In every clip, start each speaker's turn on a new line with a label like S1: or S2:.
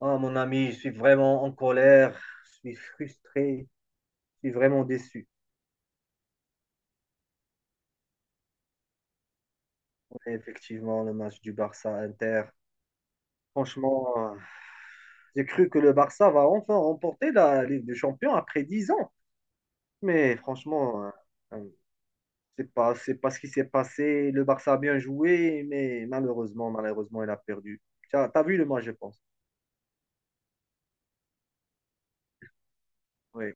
S1: Oh, mon ami, je suis vraiment en colère, je suis frustré, je suis vraiment déçu. Ouais, effectivement, le match du Barça Inter. Franchement, j'ai cru que le Barça va enfin remporter la Ligue des Champions après 10 ans. Mais franchement, euh, c'est pas ce qui s'est passé. Le Barça a bien joué, mais malheureusement, malheureusement, il a perdu. T'as vu le match, je pense. Oui,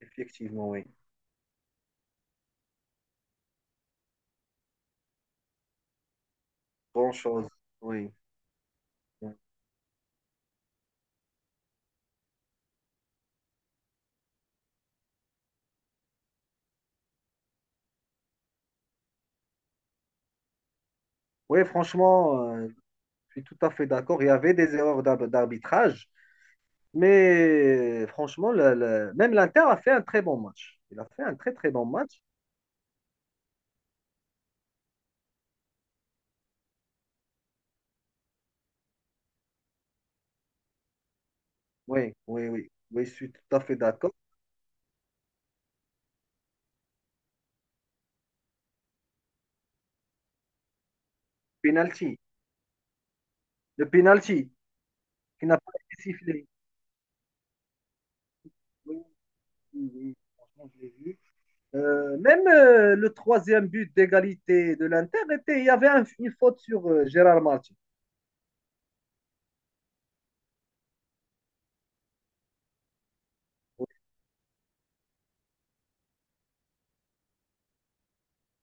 S1: effectivement, oui. Bonne chose. Oui. Oui, franchement, je suis tout à fait d'accord. Il y avait des erreurs d'arbitrage. Mais franchement, même l'Inter a fait un très bon match. Il a fait un très très bon match. Oui, oui, oui. Oui, je suis tout à fait d'accord. Penalty. Le penalty qui n'a pas été sifflé. Oui, oui, oui. Franchement, je l'ai vu. Même le troisième but d'égalité de l'Inter était, il y avait une faute sur Gérard Martin.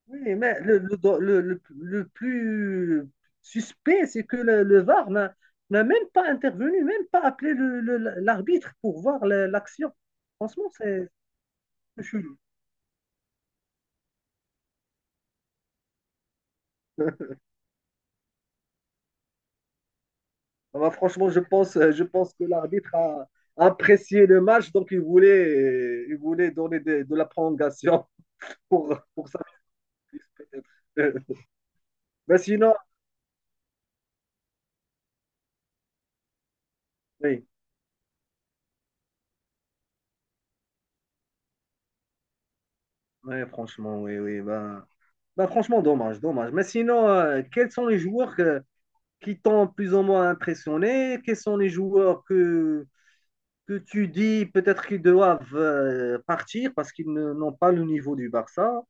S1: Oui, mais le plus suspect, c'est que le VAR n'a même pas intervenu, même pas appelé l'arbitre pour voir l'action. Franchement, c'est chelou. Ah bah, franchement, je pense que l'arbitre a apprécié le match, donc il voulait donner de la prolongation pour ça. Peut-être. Mais sinon, oui, ouais, franchement, oui, oui. Bah, franchement, dommage, dommage. Mais sinon, quels sont les joueurs que, qui t'ont plus ou moins impressionné? Quels sont les joueurs que tu dis peut-être qu'ils doivent partir parce qu'ils n'ont pas le niveau du Barça?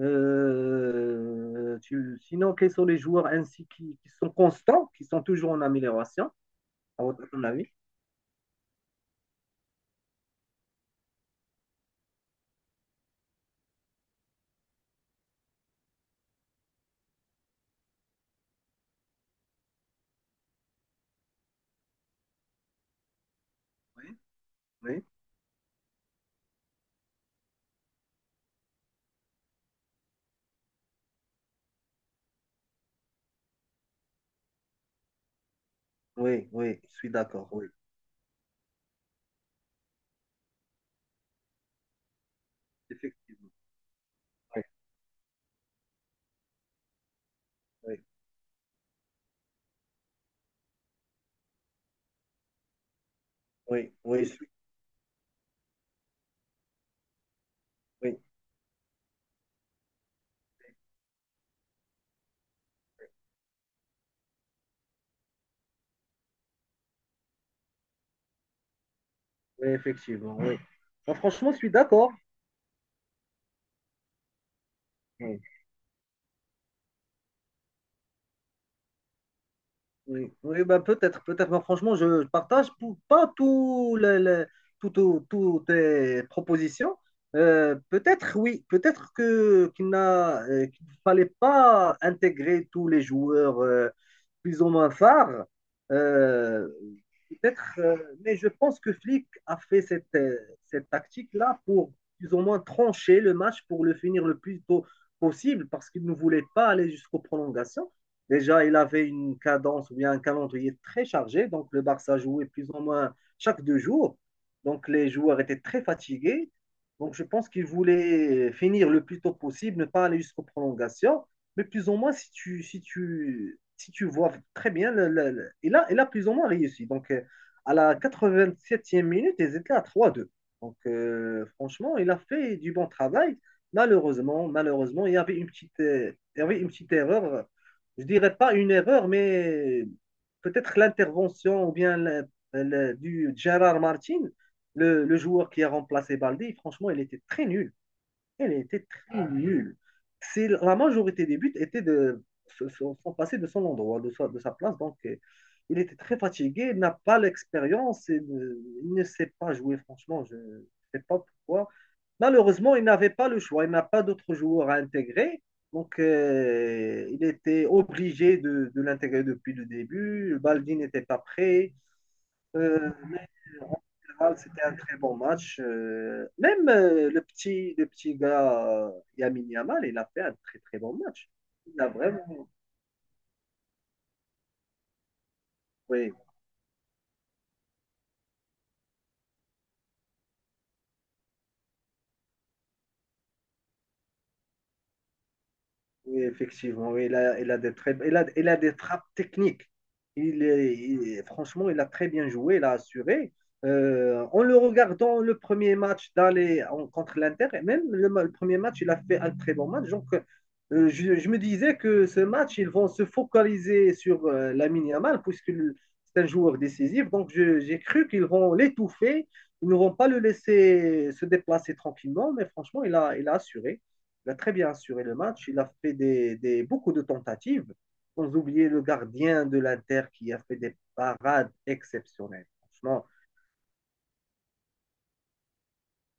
S1: Sinon, quels sont les joueurs ainsi qui sont constants, qui sont toujours en amélioration, à votre avis? Oui, oui, oui, oui, je suis d'accord, oui, effectivement. Oui, oui, oui, oui, je suis- oui, oui, effectivement, oui. Bon, franchement, je suis d'accord. Oui. Oui, oui, bah peut-être, peut-être. Mais franchement, je partage pas toutes tes propositions. Peut-être, oui, peut-être que qu'il n'a, qu'il ne fallait pas intégrer tous les joueurs plus ou moins phares. Euh, peut-être, euh, mais je pense que Flick a fait cette tactique-là pour plus ou moins trancher le match pour le finir le plus tôt possible parce qu'il ne voulait pas aller jusqu'aux prolongations. Déjà, il avait une cadence ou bien un calendrier très chargé. Donc, le Barça jouait plus ou moins chaque 2 jours. Donc, les joueurs étaient très fatigués. Donc, je pense qu'il voulait finir le plus tôt possible, ne pas aller jusqu'aux prolongations. Mais plus ou moins, si tu vois très bien, il a plus ou moins réussi. Donc, à la 87e minute, ils étaient à 3-2. Donc, franchement, il a fait du bon travail. Malheureusement, malheureusement, il y avait une petite erreur, je dirais pas une erreur, mais peut-être l'intervention ou bien du Gérard Martin, le joueur qui a remplacé Baldi. Franchement, il était très nul, elle était très nulle. C'est, la majorité des buts étaient sont passés de son endroit, de sa place. Donc, il était très fatigué, il n'a pas l'expérience, il ne sait pas jouer, franchement. Je ne sais pas pourquoi. Malheureusement, il n'avait pas le choix. Il n'a pas d'autres joueurs à intégrer. Donc, il était obligé de l'intégrer depuis le début. Baldi n'était pas prêt. Euh, mais en général, c'était un très bon match. Même le petit gars, Lamine Yamal, il a fait un très très bon match. Il a vraiment, oui. Oui, effectivement, oui, il a des trappes techniques. Franchement, il a très bien joué, il a assuré. En le regardant, le premier match d'aller contre l'Inter, et même le premier match, il a fait un très bon match. Donc, je me disais que ce match, ils vont se focaliser sur la Lamine Yamal, c'est un joueur décisif. Donc, j'ai cru qu'ils vont l'étouffer. Ils ne vont pas le laisser se déplacer tranquillement, mais franchement, il a assuré. Il a très bien assuré le match. Il a fait beaucoup de tentatives, sans oublier le gardien de l'Inter qui a fait des parades exceptionnelles. Franchement,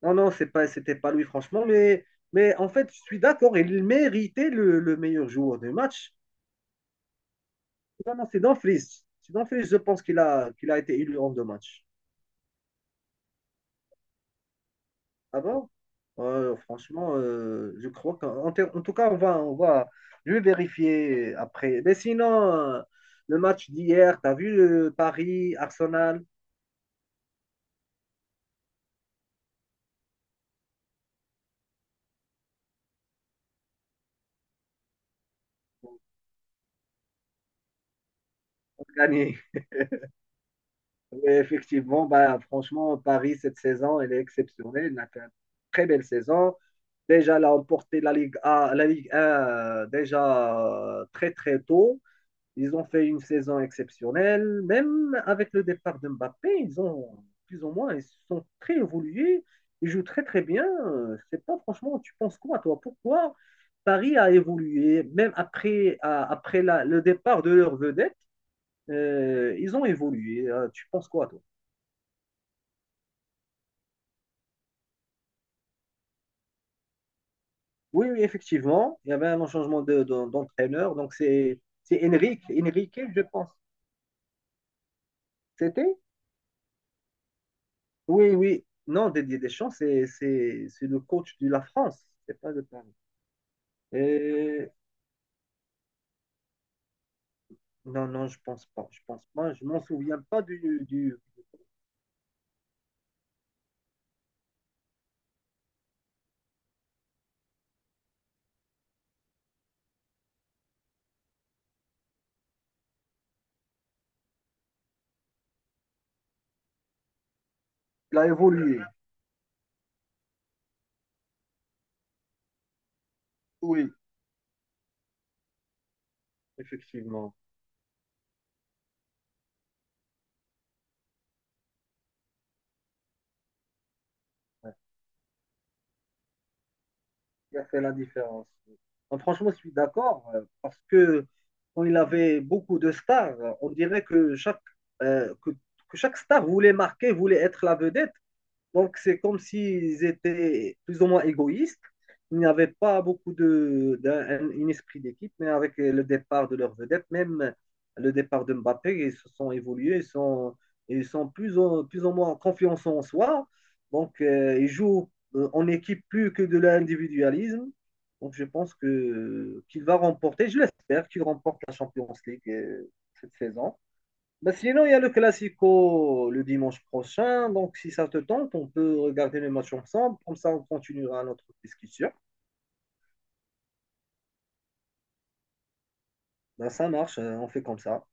S1: non, non, c'était pas lui, franchement. Mais en fait, je suis d'accord. Il méritait le meilleur joueur du match. Non, non, c'est Dumfries. C'est Dumfries, je pense qu'il a été élu en 2 matchs. Ah bon? Franchement, je crois en tout cas, je vais vérifier après. Mais sinon, le match d'hier, t'as vu le Paris-Arsenal? On a gagné. Mais effectivement, bah, franchement, Paris, cette saison, elle est exceptionnelle. Elle a fait une très belle saison. Déjà, elle a emporté la Ligue A, la Ligue 1, déjà, très, très tôt. Ils ont fait une saison exceptionnelle. Même avec le départ de Mbappé, ils ont plus ou moins, ils sont très évolués. Ils jouent très très bien. C'est pas, franchement, tu penses quoi toi? Pourquoi Paris a évolué même après, après le départ de leur vedette, ils ont évolué. Tu penses quoi toi? Oui, oui, effectivement, il y avait un changement d'entraîneur. Donc c'est Enrique, Enrique, je pense. C'était? Oui, oui. Non, Didier Deschamps, c'est le coach de la France. C'est pas de Paris. Et... Non, non, je pense pas. Je pense pas. Je m'en souviens pas du... Il a évolué. Oui, effectivement. Il a fait la différence. Non, franchement, je suis d'accord, parce que quand il avait beaucoup de stars, on dirait que euh, que, que chaque star voulait marquer, voulait être la vedette. Donc, c'est comme s'ils étaient plus ou moins égoïstes. Il n'y avait pas beaucoup de, d'un un esprit d'équipe, mais avec le départ de leur vedette, même le départ de Mbappé, ils se sont évolués, ils sont plus, ou, plus ou moins en confiance en soi. Donc, ils jouent, en équipe plus que de l'individualisme. Donc, je pense que qu'il va remporter, je l'espère, qu'il remporte la Champions League, cette saison. Bah, sinon, il y a le Classico le dimanche prochain. Donc, si ça te tente, on peut regarder les matchs ensemble. Comme ça, on continuera notre discussion. Bah, ça marche, on fait comme ça.